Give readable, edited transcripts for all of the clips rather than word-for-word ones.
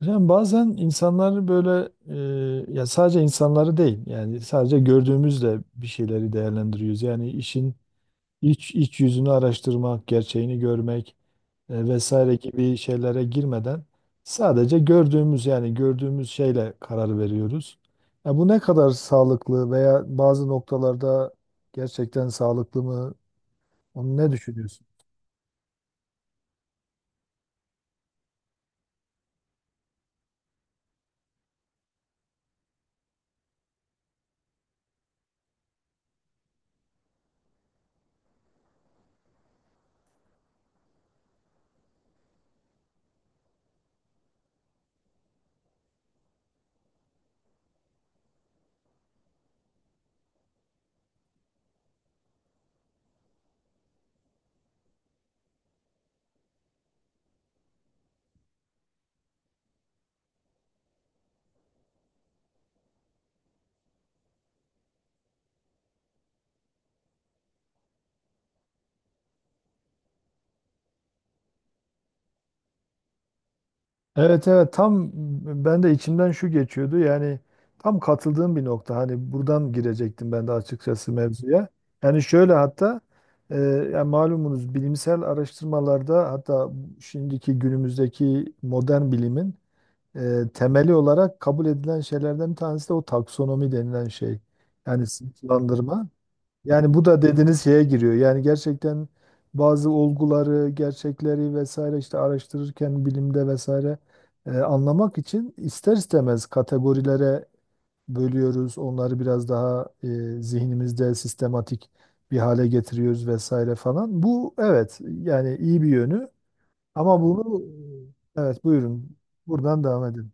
Yani bazen insanları böyle ya sadece insanları değil, yani sadece gördüğümüzle bir şeyleri değerlendiriyoruz. Yani işin iç yüzünü araştırmak, gerçeğini görmek, vesaire gibi şeylere girmeden sadece gördüğümüz, yani gördüğümüz şeyle karar veriyoruz. Ya bu ne kadar sağlıklı veya bazı noktalarda gerçekten sağlıklı mı? Onu ne düşünüyorsun? Evet, evet, tam ben de içimden şu geçiyordu, yani tam katıldığım bir nokta, hani buradan girecektim ben de açıkçası mevzuya. Yani şöyle, hatta e, yani malumunuz bilimsel araştırmalarda, hatta şimdiki günümüzdeki modern bilimin temeli olarak kabul edilen şeylerden bir tanesi de o taksonomi denilen şey. Yani sınıflandırma. Yani bu da dediğiniz şeye giriyor. Yani gerçekten bazı olguları, gerçekleri vesaire işte araştırırken bilimde vesaire, anlamak için ister istemez kategorilere bölüyoruz. Onları biraz daha, zihnimizde sistematik bir hale getiriyoruz vesaire falan. Bu evet, yani iyi bir yönü, ama bunu evet, buyurun, buradan devam edin.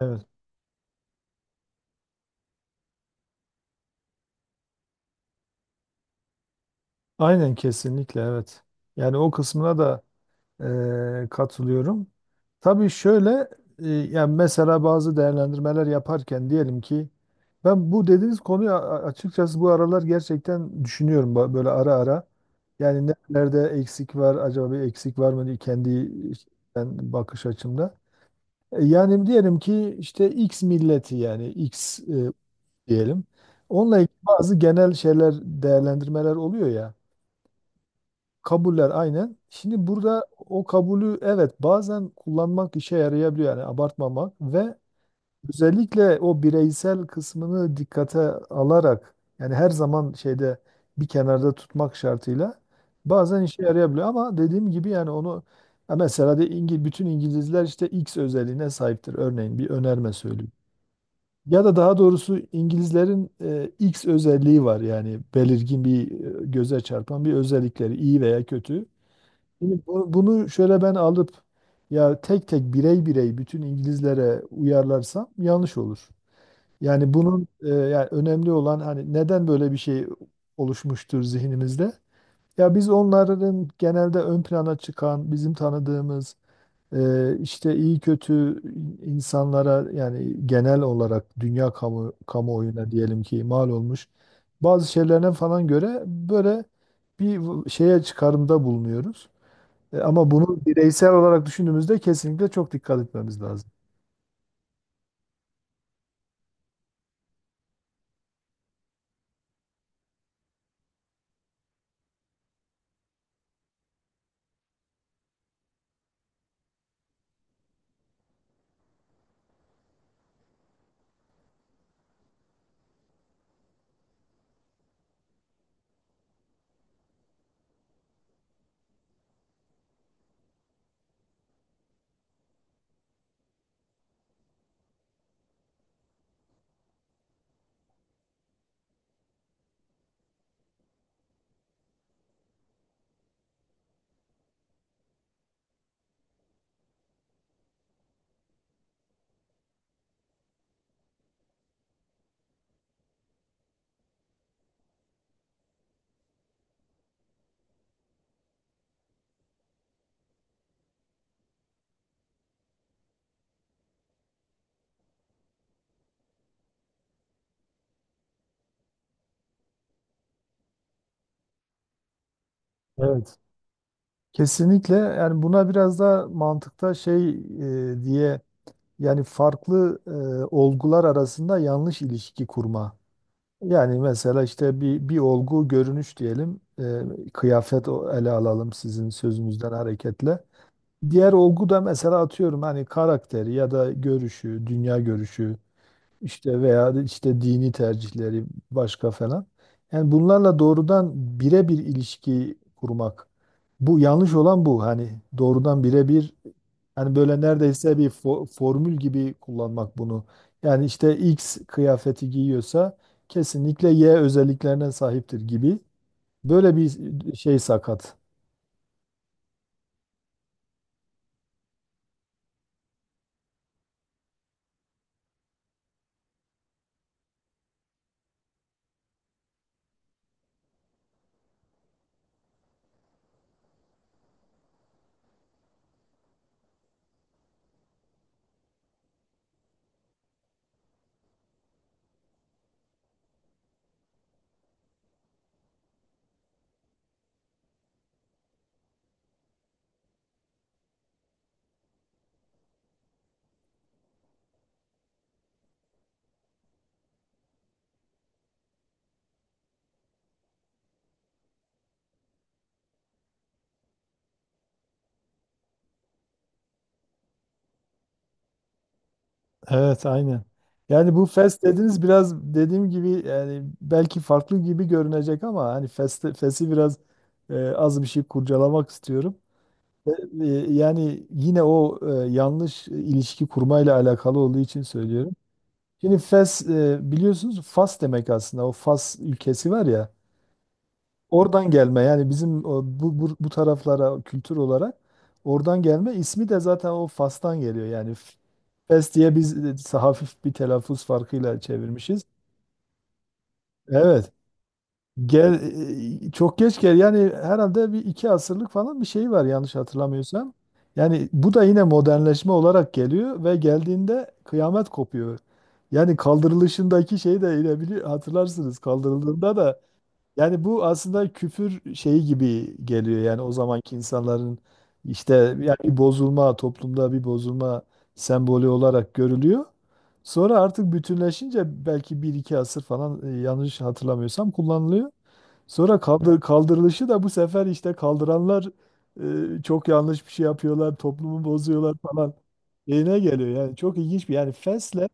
Evet. Aynen, kesinlikle evet. Yani o kısmına da, katılıyorum. Tabii şöyle, yani mesela bazı değerlendirmeler yaparken diyelim ki ben bu dediğiniz konuyu açıkçası bu aralar gerçekten düşünüyorum, böyle ara ara. Yani nerede eksik var, acaba bir eksik var mı diye kendi ben bakış açımda. Yani diyelim ki işte X milleti, yani X, diyelim. Onunla ilgili bazı genel şeyler, değerlendirmeler oluyor ya. Kabuller aynen. Şimdi burada o kabulü evet bazen kullanmak işe yarayabiliyor, yani abartmamak ve özellikle o bireysel kısmını dikkate alarak, yani her zaman şeyde bir kenarda tutmak şartıyla bazen işe yarayabiliyor, ama dediğim gibi yani onu ya mesela de İngil, bütün İngilizler işte X özelliğine sahiptir, örneğin bir önerme söyleyeyim. Ya da daha doğrusu İngilizlerin, X özelliği var, yani belirgin bir, göze çarpan bir özellikleri iyi veya kötü. Şimdi bunu şöyle ben alıp ya tek tek, birey birey bütün İngilizlere uyarlarsam yanlış olur. Yani bunun, yani önemli olan hani neden böyle bir şey oluşmuştur zihnimizde? Ya biz onların genelde ön plana çıkan, bizim tanıdığımız, işte iyi kötü insanlara, yani genel olarak dünya kamuoyuna diyelim ki mal olmuş bazı şeylerine falan göre böyle bir şeye çıkarımda bulunuyoruz. Ama bunu bireysel olarak düşündüğümüzde kesinlikle çok dikkat etmemiz lazım. Evet. Kesinlikle, yani buna biraz da mantıkta şey, diye, yani farklı, olgular arasında yanlış ilişki kurma. Yani mesela işte bir olgu görünüş diyelim, kıyafet, ele alalım sizin sözünüzden hareketle. Diğer olgu da mesela atıyorum hani karakteri ya da görüşü, dünya görüşü işte veya işte dini tercihleri başka falan. Yani bunlarla doğrudan birebir ilişki kurmak. Bu yanlış olan, bu. Hani doğrudan birebir, hani böyle neredeyse bir formül gibi kullanmak bunu. Yani işte X kıyafeti giyiyorsa kesinlikle Y özelliklerine sahiptir gibi. Böyle bir şey sakat. Evet, aynen. Yani bu fes dediniz, biraz dediğim gibi yani belki farklı gibi görünecek, ama hani festi, fesi biraz, az bir şey kurcalamak istiyorum. E, e, Yani yine o, yanlış ilişki kurmayla alakalı olduğu için söylüyorum. Şimdi fes, biliyorsunuz Fas demek aslında, o Fas ülkesi var ya, oradan gelme, yani bizim o, bu taraflara kültür olarak oradan gelme, ismi de zaten o Fas'tan geliyor yani. Pes diye biz, hafif bir telaffuz farkıyla çevirmişiz. Evet. Gel, Çok geç gel. Yani herhalde bir iki asırlık falan bir şey var yanlış hatırlamıyorsam. Yani bu da yine modernleşme olarak geliyor ve geldiğinde kıyamet kopuyor. Yani kaldırılışındaki şeyi de yine hatırlarsınız. Kaldırıldığında da yani bu aslında küfür şeyi gibi geliyor, yani o zamanki insanların işte yani bir bozulma, toplumda bir bozulma sembolü olarak görülüyor. Sonra artık bütünleşince belki bir iki asır falan, yanlış hatırlamıyorsam kullanılıyor. Sonra kaldırılışı da bu sefer işte kaldıranlar, çok yanlış bir şey yapıyorlar, toplumu bozuyorlar falan şeyine geliyor. Yani çok ilginç bir yani fesle.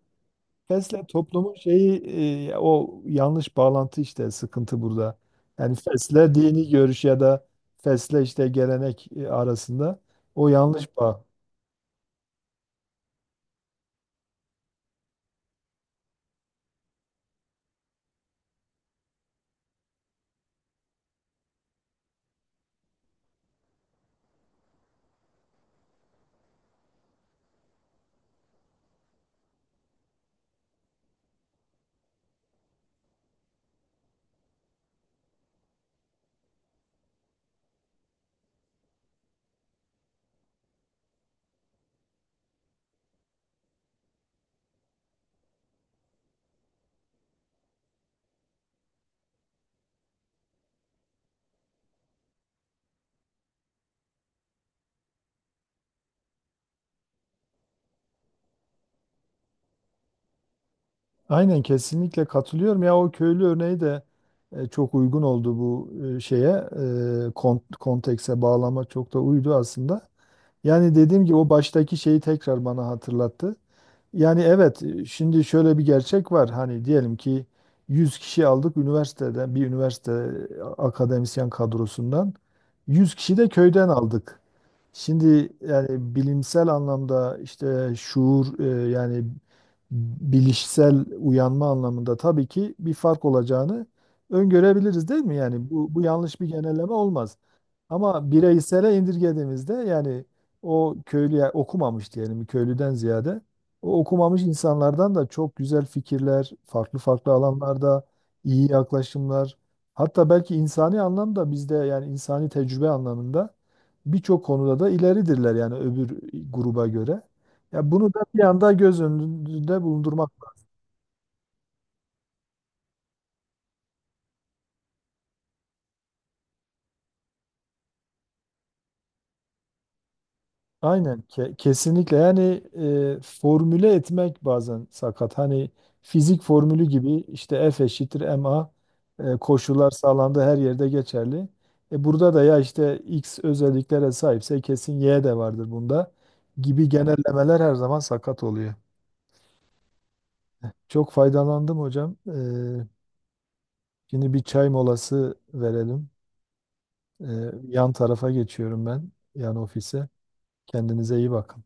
Fesle toplumun şeyi, o yanlış bağlantı, işte sıkıntı burada. Yani fesle dini görüş ya da fesle işte gelenek, arasında o yanlış bağ. Aynen, kesinlikle katılıyorum ya, o köylü örneği de, çok uygun oldu, bu, şeye, kontekse, bağlama çok da uydu aslında. Yani dediğim gibi o baştaki şeyi tekrar bana hatırlattı. Yani evet, şimdi şöyle bir gerçek var. Hani diyelim ki 100 kişi aldık üniversiteden, bir üniversite akademisyen kadrosundan, 100 kişi de köyden aldık. Şimdi yani bilimsel anlamda işte şuur, yani bilişsel uyanma anlamında tabii ki bir fark olacağını öngörebiliriz değil mi? Yani bu yanlış bir genelleme olmaz. Ama bireysele indirgediğimizde yani o köylüye, okumamış diyelim, köylüden ziyade o okumamış insanlardan da çok güzel fikirler, farklı farklı alanlarda iyi yaklaşımlar, hatta belki insani anlamda bizde, yani insani tecrübe anlamında birçok konuda da ileridirler yani öbür gruba göre. Ya bunu da bir anda göz önünde bulundurmak. Aynen kesinlikle, yani, formüle etmek bazen sakat. Hani fizik formülü gibi işte F eşittir ma, koşullar sağlandığı her yerde geçerli. E, burada da ya işte x özelliklere sahipse kesin y de vardır bunda gibi genellemeler her zaman sakat oluyor. Çok faydalandım hocam. Şimdi bir çay molası verelim. E, Yan tarafa geçiyorum ben, yan ofise. Kendinize iyi bakın.